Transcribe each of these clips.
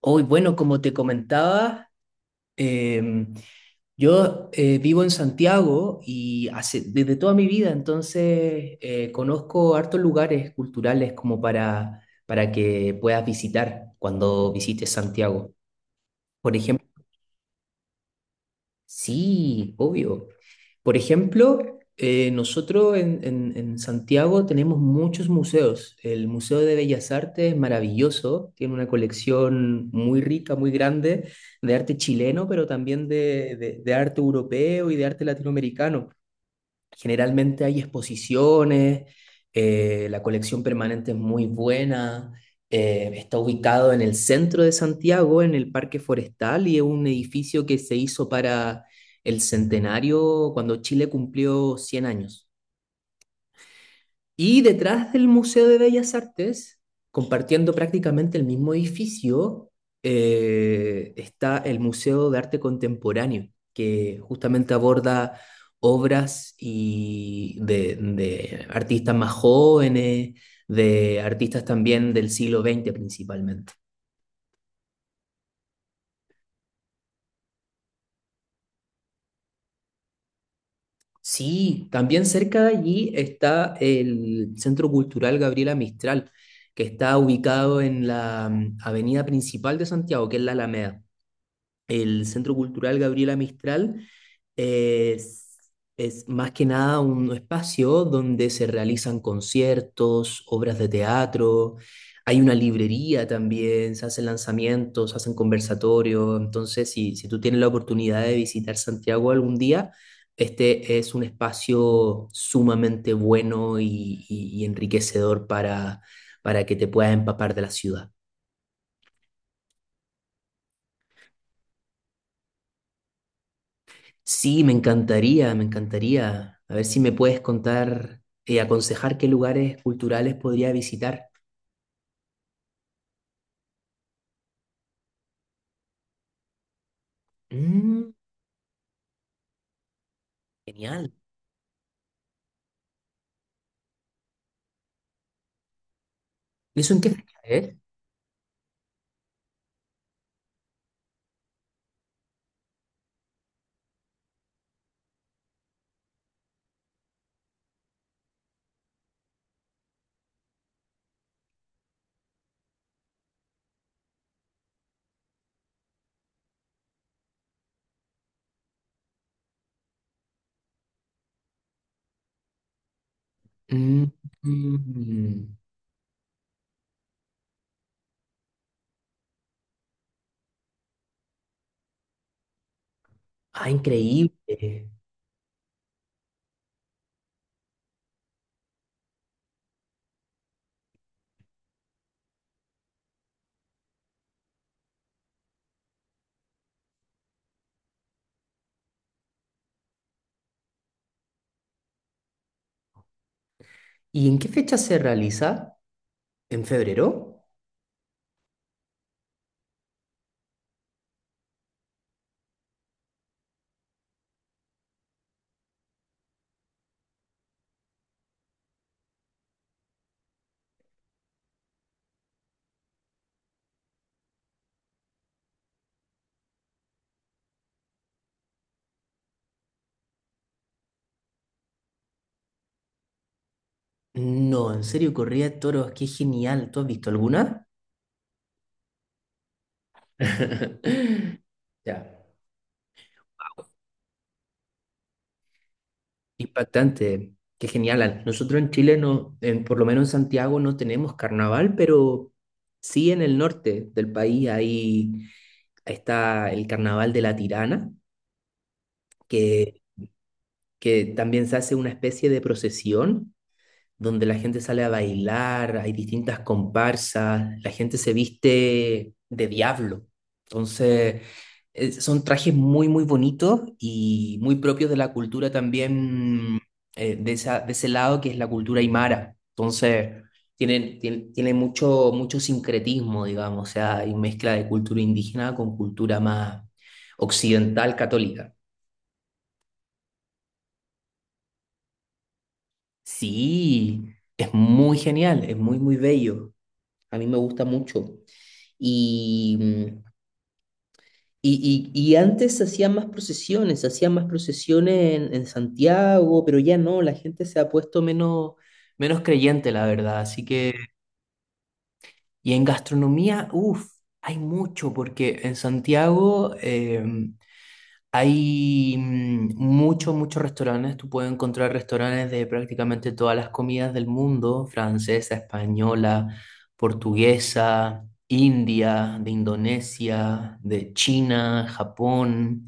Hoy, bueno, como te comentaba, em, yo vivo en Santiago y hace, desde toda mi vida, entonces conozco hartos lugares culturales como para que puedas visitar cuando visites Santiago. Por sí, obvio. Por ejemplo, nosotros en Santiago tenemos muchos museos. El Museo de Bellas Artes es maravilloso, tiene una colección muy rica, muy grande de arte chileno, pero también de arte europeo y de arte latinoamericano. Generalmente hay exposiciones, la colección permanente es muy buena, está ubicado en el centro de Santiago, en el Parque Forestal, y es un edificio que se hizo para el centenario cuando Chile cumplió 100 años. Y detrás del Museo de Bellas Artes, compartiendo prácticamente el mismo edificio, está el Museo de Arte Contemporáneo, que justamente aborda obras y de artistas más jóvenes, de artistas también del siglo XX principalmente. Sí, también cerca de allí está el Centro Cultural Gabriela Mistral, que está ubicado en la avenida principal de Santiago, que es la Alameda. El Centro Cultural Gabriela Mistral es, es más que nada un espacio donde se realizan conciertos, obras de teatro, hay una librería también, se hacen lanzamientos, se hacen conversatorios. Entonces, si tú tienes la oportunidad de visitar Santiago algún día, este es un espacio sumamente bueno y enriquecedor para que te puedas empapar de la ciudad. Sí, me encantaría, me encantaría. A ver si me puedes contar y aconsejar qué lugares culturales podría visitar. Mm, genial. ¿Y eso en qué fecha es? Mm, mm. Ah, increíble. ¿Y en qué fecha se realiza? ¿En febrero? No, en serio, corrida de toros, qué genial. ¿Tú has visto alguna? Ya. Impactante, qué genial. Al- nosotros en Chile, no, en- por lo menos en Santiago, no tenemos carnaval, pero sí en el norte del país ahí está el carnaval de la Tirana, que, que también se hace una especie de procesión donde la gente sale a bailar, hay distintas comparsas, la gente se viste de diablo. Entonces, son trajes muy, muy bonitos y muy propios de la cultura también, de esa, de ese lado que es la cultura aymara. Entonces, tienen, tienen, tienen mucho, mucho sincretismo, digamos, o sea, hay mezcla de cultura indígena con cultura más occidental católica. Sí, es muy genial, es muy, muy bello. A mí me gusta mucho. Y, mm, y, y antes se hacían más procesiones, se hacían más procesiones en Santiago, pero ya no, la gente se ha puesto menos, menos creyente, la verdad. Así que, y en gastronomía, uff, hay mucho, porque en Santiago hay muchos, muchos restaurantes. Tú puedes encontrar restaurantes de prácticamente todas las comidas del mundo, francesa, española, portuguesa, india, de Indonesia, de China, Japón.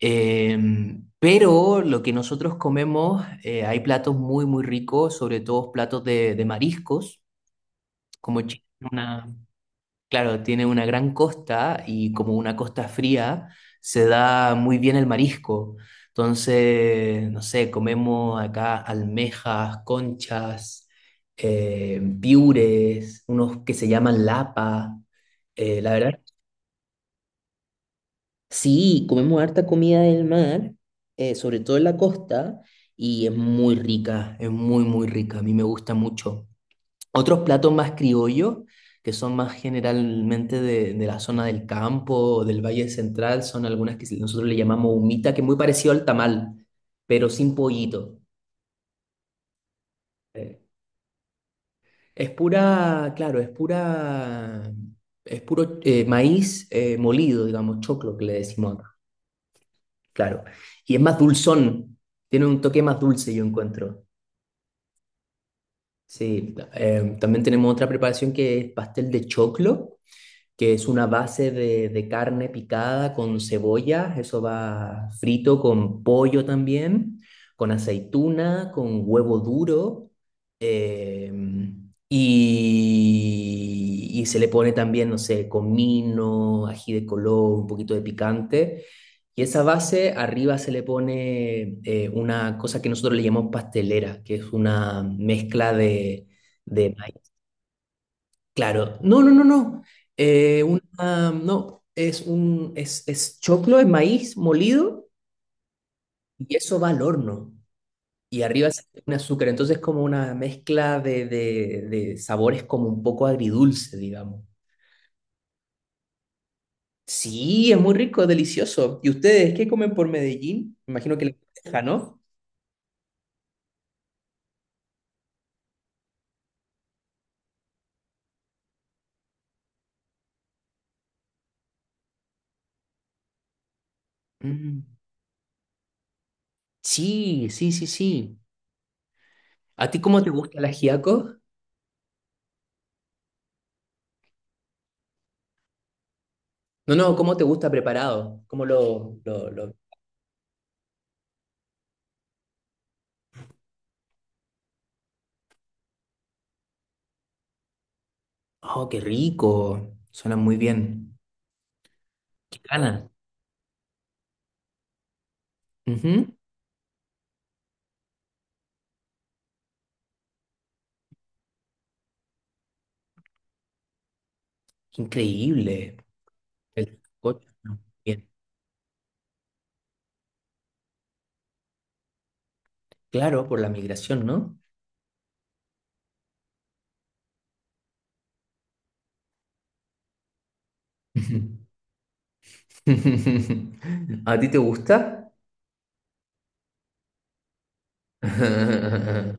Pero lo que nosotros comemos, hay platos muy, muy ricos, sobre todo platos de mariscos, como una claro, tiene una gran costa y como una costa fría, se da muy bien el marisco. Entonces, no sé, comemos acá almejas, conchas, piures, unos que se llaman lapa. La verdad, sí, comemos harta comida del mar, sobre todo en la costa, y es muy rica, es muy, muy rica. A mí me gusta mucho. Otros platos más criollos, que son más generalmente de la zona del campo, del Valle Central, son algunas que nosotros le llamamos humita, que es muy parecido al tamal, pero sin pollito. Eh, Es pura, claro, es pura, es puro maíz molido, digamos, choclo que le decimos acá, claro. Y es más dulzón, tiene un toque más dulce, yo encuentro. Sí, también tenemos otra preparación que es pastel de choclo, que es una base de carne picada con cebolla, eso va frito con pollo también, con aceituna, con huevo duro, eh, y se le pone también, no sé, comino, ají de color, un poquito de picante. Y esa base arriba se le pone una cosa que nosotros le llamamos pastelera, que es una mezcla de claro, no, no, no, no. No, es choclo, es maíz molido y eso va al horno. Y arriba se le pone azúcar, entonces es como una mezcla de sabores como un poco agridulce, digamos. Sí, es muy rico, es delicioso. ¿Y ustedes qué comen por Medellín? Me imagino que la bandeja, ¿no? Mm, sí, sí, sí, sí. ¿A ti cómo te gusta el ajiaco? No, no, ¿cómo te gusta preparado? ¿Cómo lo- oh, qué rico. Suena muy bien. Qué gana. Ujú. Qué increíble. El coche. Bien. Claro, por la migración, ¿no? Ujú. ¿A ti te gusta?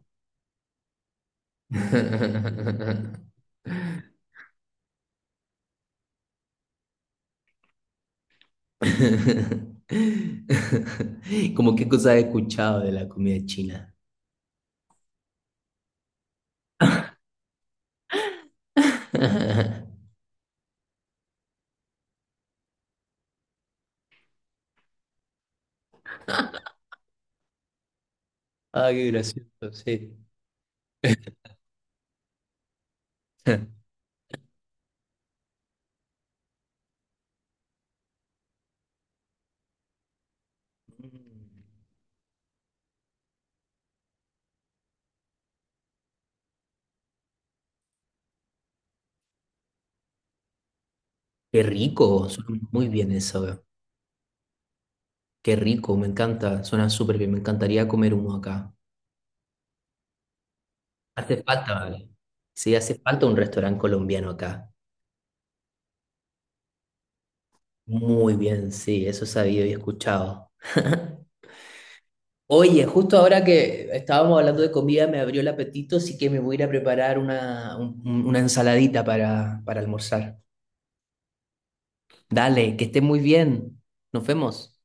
Como qué cosas he escuchado de la comida china. Ah, qué gracioso, sí. Qué rico, suena muy bien eso. Qué rico, me encanta, suena súper bien, me encantaría comer uno acá. Hace falta, vale. Sí, hace falta un restaurante colombiano acá. Muy bien, sí, eso he sabido y escuchado. Oye, justo ahora que estábamos hablando de comida me abrió el apetito, así que me voy a ir a preparar una ensaladita para almorzar. Dale, que esté muy bien. Nos vemos.